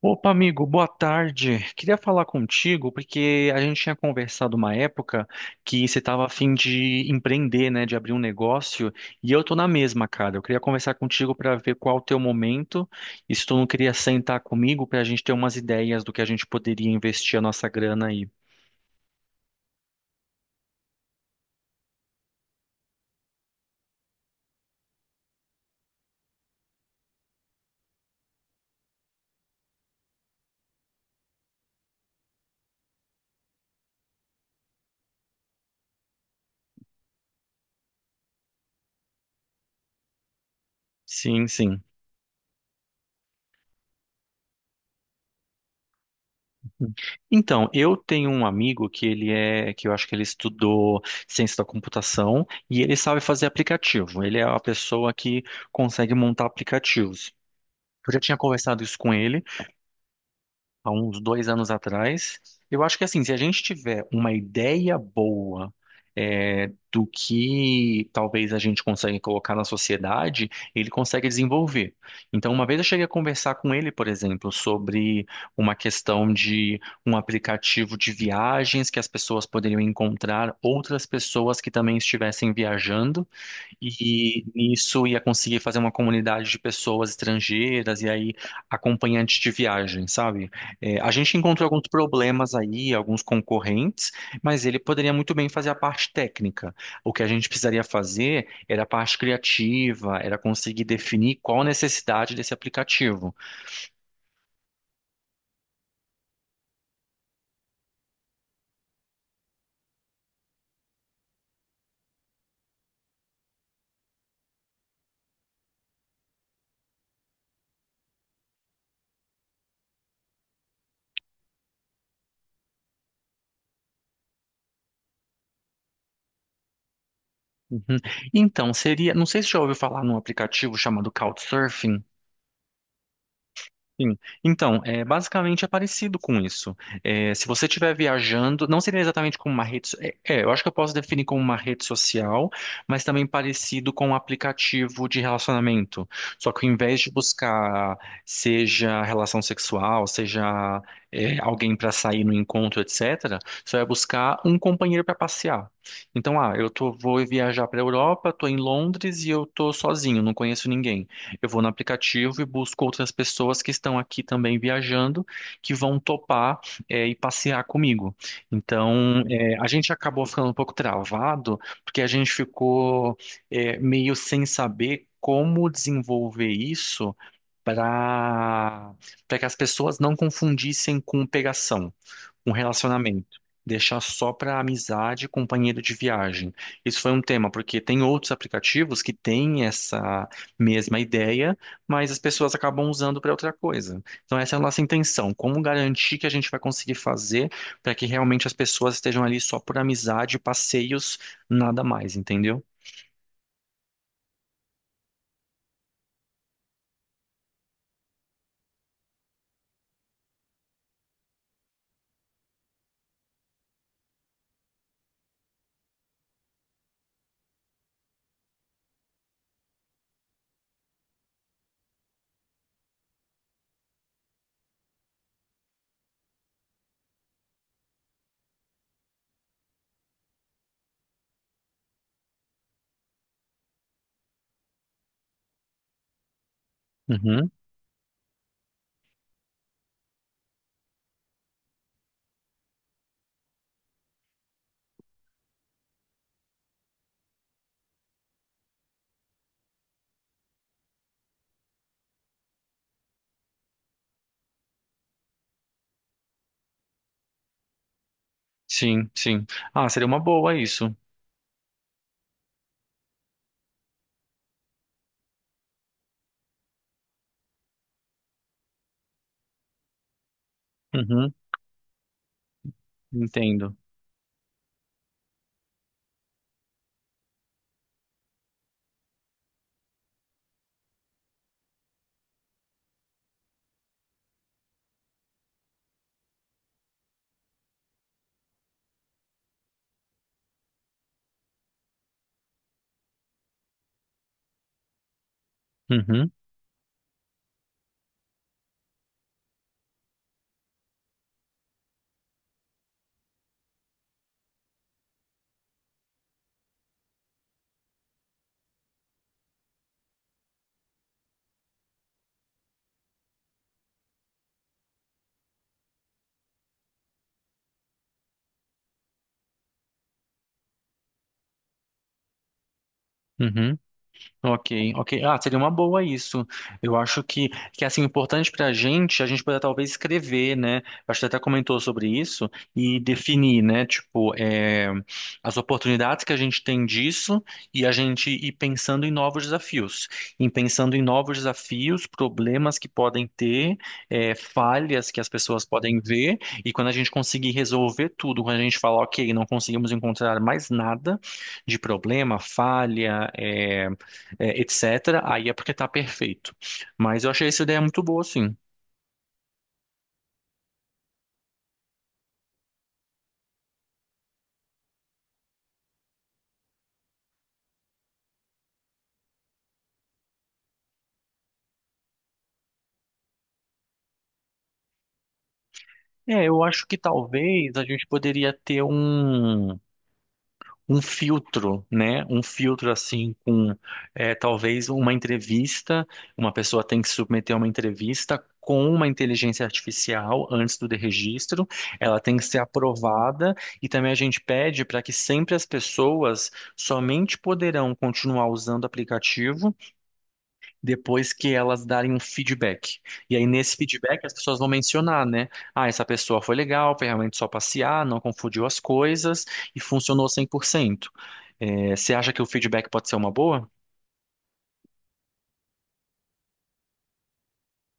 Opa, amigo, boa tarde. Queria falar contigo porque a gente tinha conversado uma época que você estava a fim de empreender, né, de abrir um negócio, e eu tô na mesma, cara. Eu queria conversar contigo para ver qual o teu momento e se tu não queria sentar comigo para a gente ter umas ideias do que a gente poderia investir a nossa grana aí. Sim, sim. Hum. Então, eu tenho um amigo que ele é, que eu acho que ele estudou ciência da computação e ele sabe fazer aplicativo. Ele é a pessoa que consegue montar aplicativos. Eu já tinha conversado isso com ele, há uns dois anos atrás. Eu acho que assim, se a gente tiver uma ideia boa do que talvez a gente consegue colocar na sociedade, ele consegue desenvolver. Então, uma vez eu cheguei a conversar com ele, por exemplo, sobre uma questão de um aplicativo de viagens que as pessoas poderiam encontrar outras pessoas que também estivessem viajando e nisso ia conseguir fazer uma comunidade de pessoas estrangeiras e aí acompanhantes de viagem, sabe? É, a gente encontrou alguns problemas aí, alguns concorrentes, mas ele poderia muito bem fazer a parte técnica. O que a gente precisaria fazer era a parte criativa, era conseguir definir qual a necessidade desse aplicativo. Uhum. Então, seria, não sei se já ouviu falar num aplicativo chamado Couchsurfing. Sim. Então, é, basicamente é parecido com isso. É, se você estiver viajando, não seria exatamente como uma rede. É, é, eu acho que eu posso definir como uma rede social, mas também parecido com um aplicativo de relacionamento. Só que ao invés de buscar, seja relação sexual, seja, alguém para sair no encontro, etc., você vai buscar um companheiro para passear. Então, ah, eu tô, vou viajar para a Europa, estou em Londres e eu estou sozinho, não conheço ninguém. Eu vou no aplicativo e busco outras pessoas que estão aqui também viajando, que vão topar, e passear comigo. Então, é, a gente acabou ficando um pouco travado, porque a gente ficou, é, meio sem saber como desenvolver isso para para que as pessoas não confundissem com pegação um relacionamento, deixar só para amizade e companheiro de viagem. Isso foi um tema, porque tem outros aplicativos que têm essa mesma ideia, mas as pessoas acabam usando para outra coisa. Então, essa é a nossa intenção, como garantir que a gente vai conseguir fazer para que realmente as pessoas estejam ali só por amizade, passeios, nada mais, entendeu? Uhum. Sim, sim. Ah, seria uma boa isso. Uhum. Entendo. Uhum. Uhum. Ok, ok. Ah, seria uma boa isso. Eu acho que é, assim, importante para a gente poder talvez escrever, né? Acho que você até comentou sobre isso e definir, né? Tipo, é, as oportunidades que a gente tem disso e a gente ir pensando em novos desafios. Em pensando em novos desafios, problemas que podem ter, falhas que as pessoas podem ver. E quando a gente conseguir resolver tudo, quando a gente falar, ok, não conseguimos encontrar mais nada de problema, falha, etc., aí é porque tá perfeito. Mas eu achei essa ideia muito boa, sim. É, eu acho que talvez a gente poderia ter um filtro, né? Um filtro assim com talvez uma entrevista, uma pessoa tem que submeter uma entrevista com uma inteligência artificial antes do registro, ela tem que ser aprovada e também a gente pede para que sempre as pessoas somente poderão continuar usando o aplicativo depois que elas darem um feedback. E aí, nesse feedback, as pessoas vão mencionar, né? Ah, essa pessoa foi legal, foi realmente só passear, não confundiu as coisas e funcionou 100%. É, você acha que o feedback pode ser uma boa?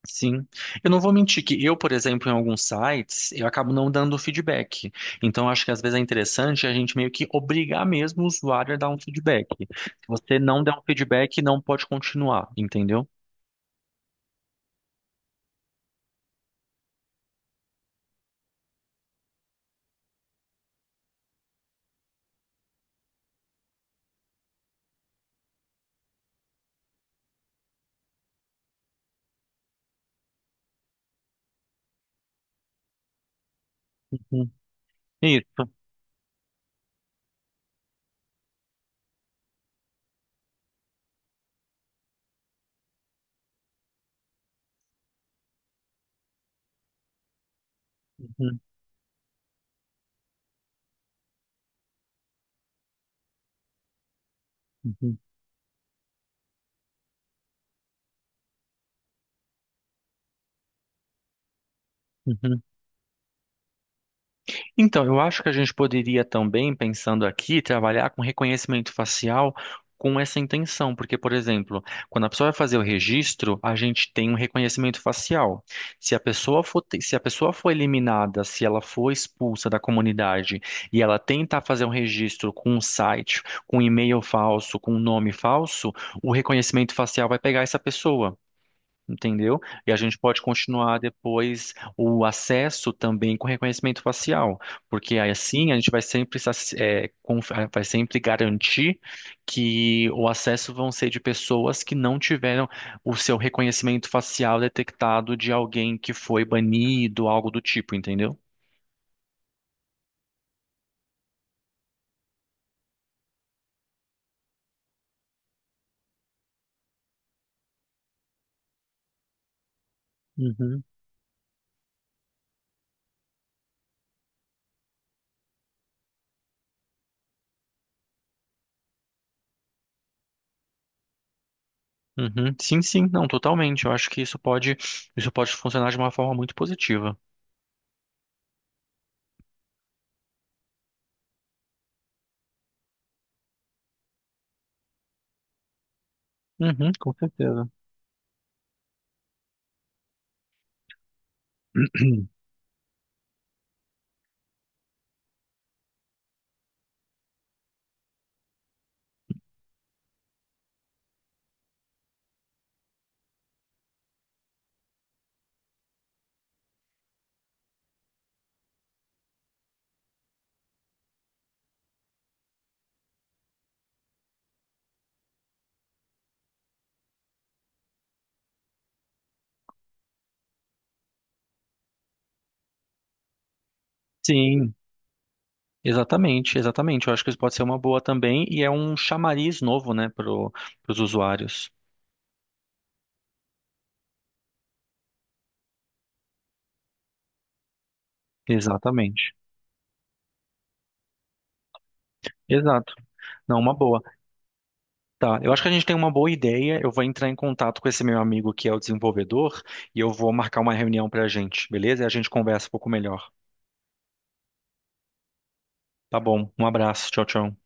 Sim. Eu não vou mentir que eu, por exemplo, em alguns sites, eu acabo não dando feedback. Então, acho que às vezes é interessante a gente meio que obrigar mesmo o usuário a dar um feedback. Se você não der um feedback, não pode continuar, entendeu? Uhum. Isso. Uhum, uhum, uhum. Então, eu acho que a gente poderia também, pensando aqui, trabalhar com reconhecimento facial com essa intenção, porque, por exemplo, quando a pessoa vai fazer o registro, a gente tem um reconhecimento facial. Se a pessoa se a pessoa for eliminada, se ela for expulsa da comunidade e ela tentar fazer um registro com um site, com um e-mail falso, com um nome falso, o reconhecimento facial vai pegar essa pessoa. Entendeu? E a gente pode continuar depois o acesso também com reconhecimento facial, porque aí assim a gente vai sempre vai sempre garantir que o acesso vão ser de pessoas que não tiveram o seu reconhecimento facial detectado de alguém que foi banido, algo do tipo, entendeu? Uhum. Uhum. Sim, sim, não, totalmente. Eu acho que isso isso pode funcionar de uma forma muito positiva. Uhum, com certeza. Sim. Exatamente, exatamente. Eu acho que isso pode ser uma boa também e é um chamariz novo, né, para os usuários. Exatamente. Exato. Não, uma boa. Tá, eu acho que a gente tem uma boa ideia. Eu vou entrar em contato com esse meu amigo que é o desenvolvedor e eu vou marcar uma reunião para a gente, beleza? E a gente conversa um pouco melhor. Tá bom, um abraço. Tchau, tchau.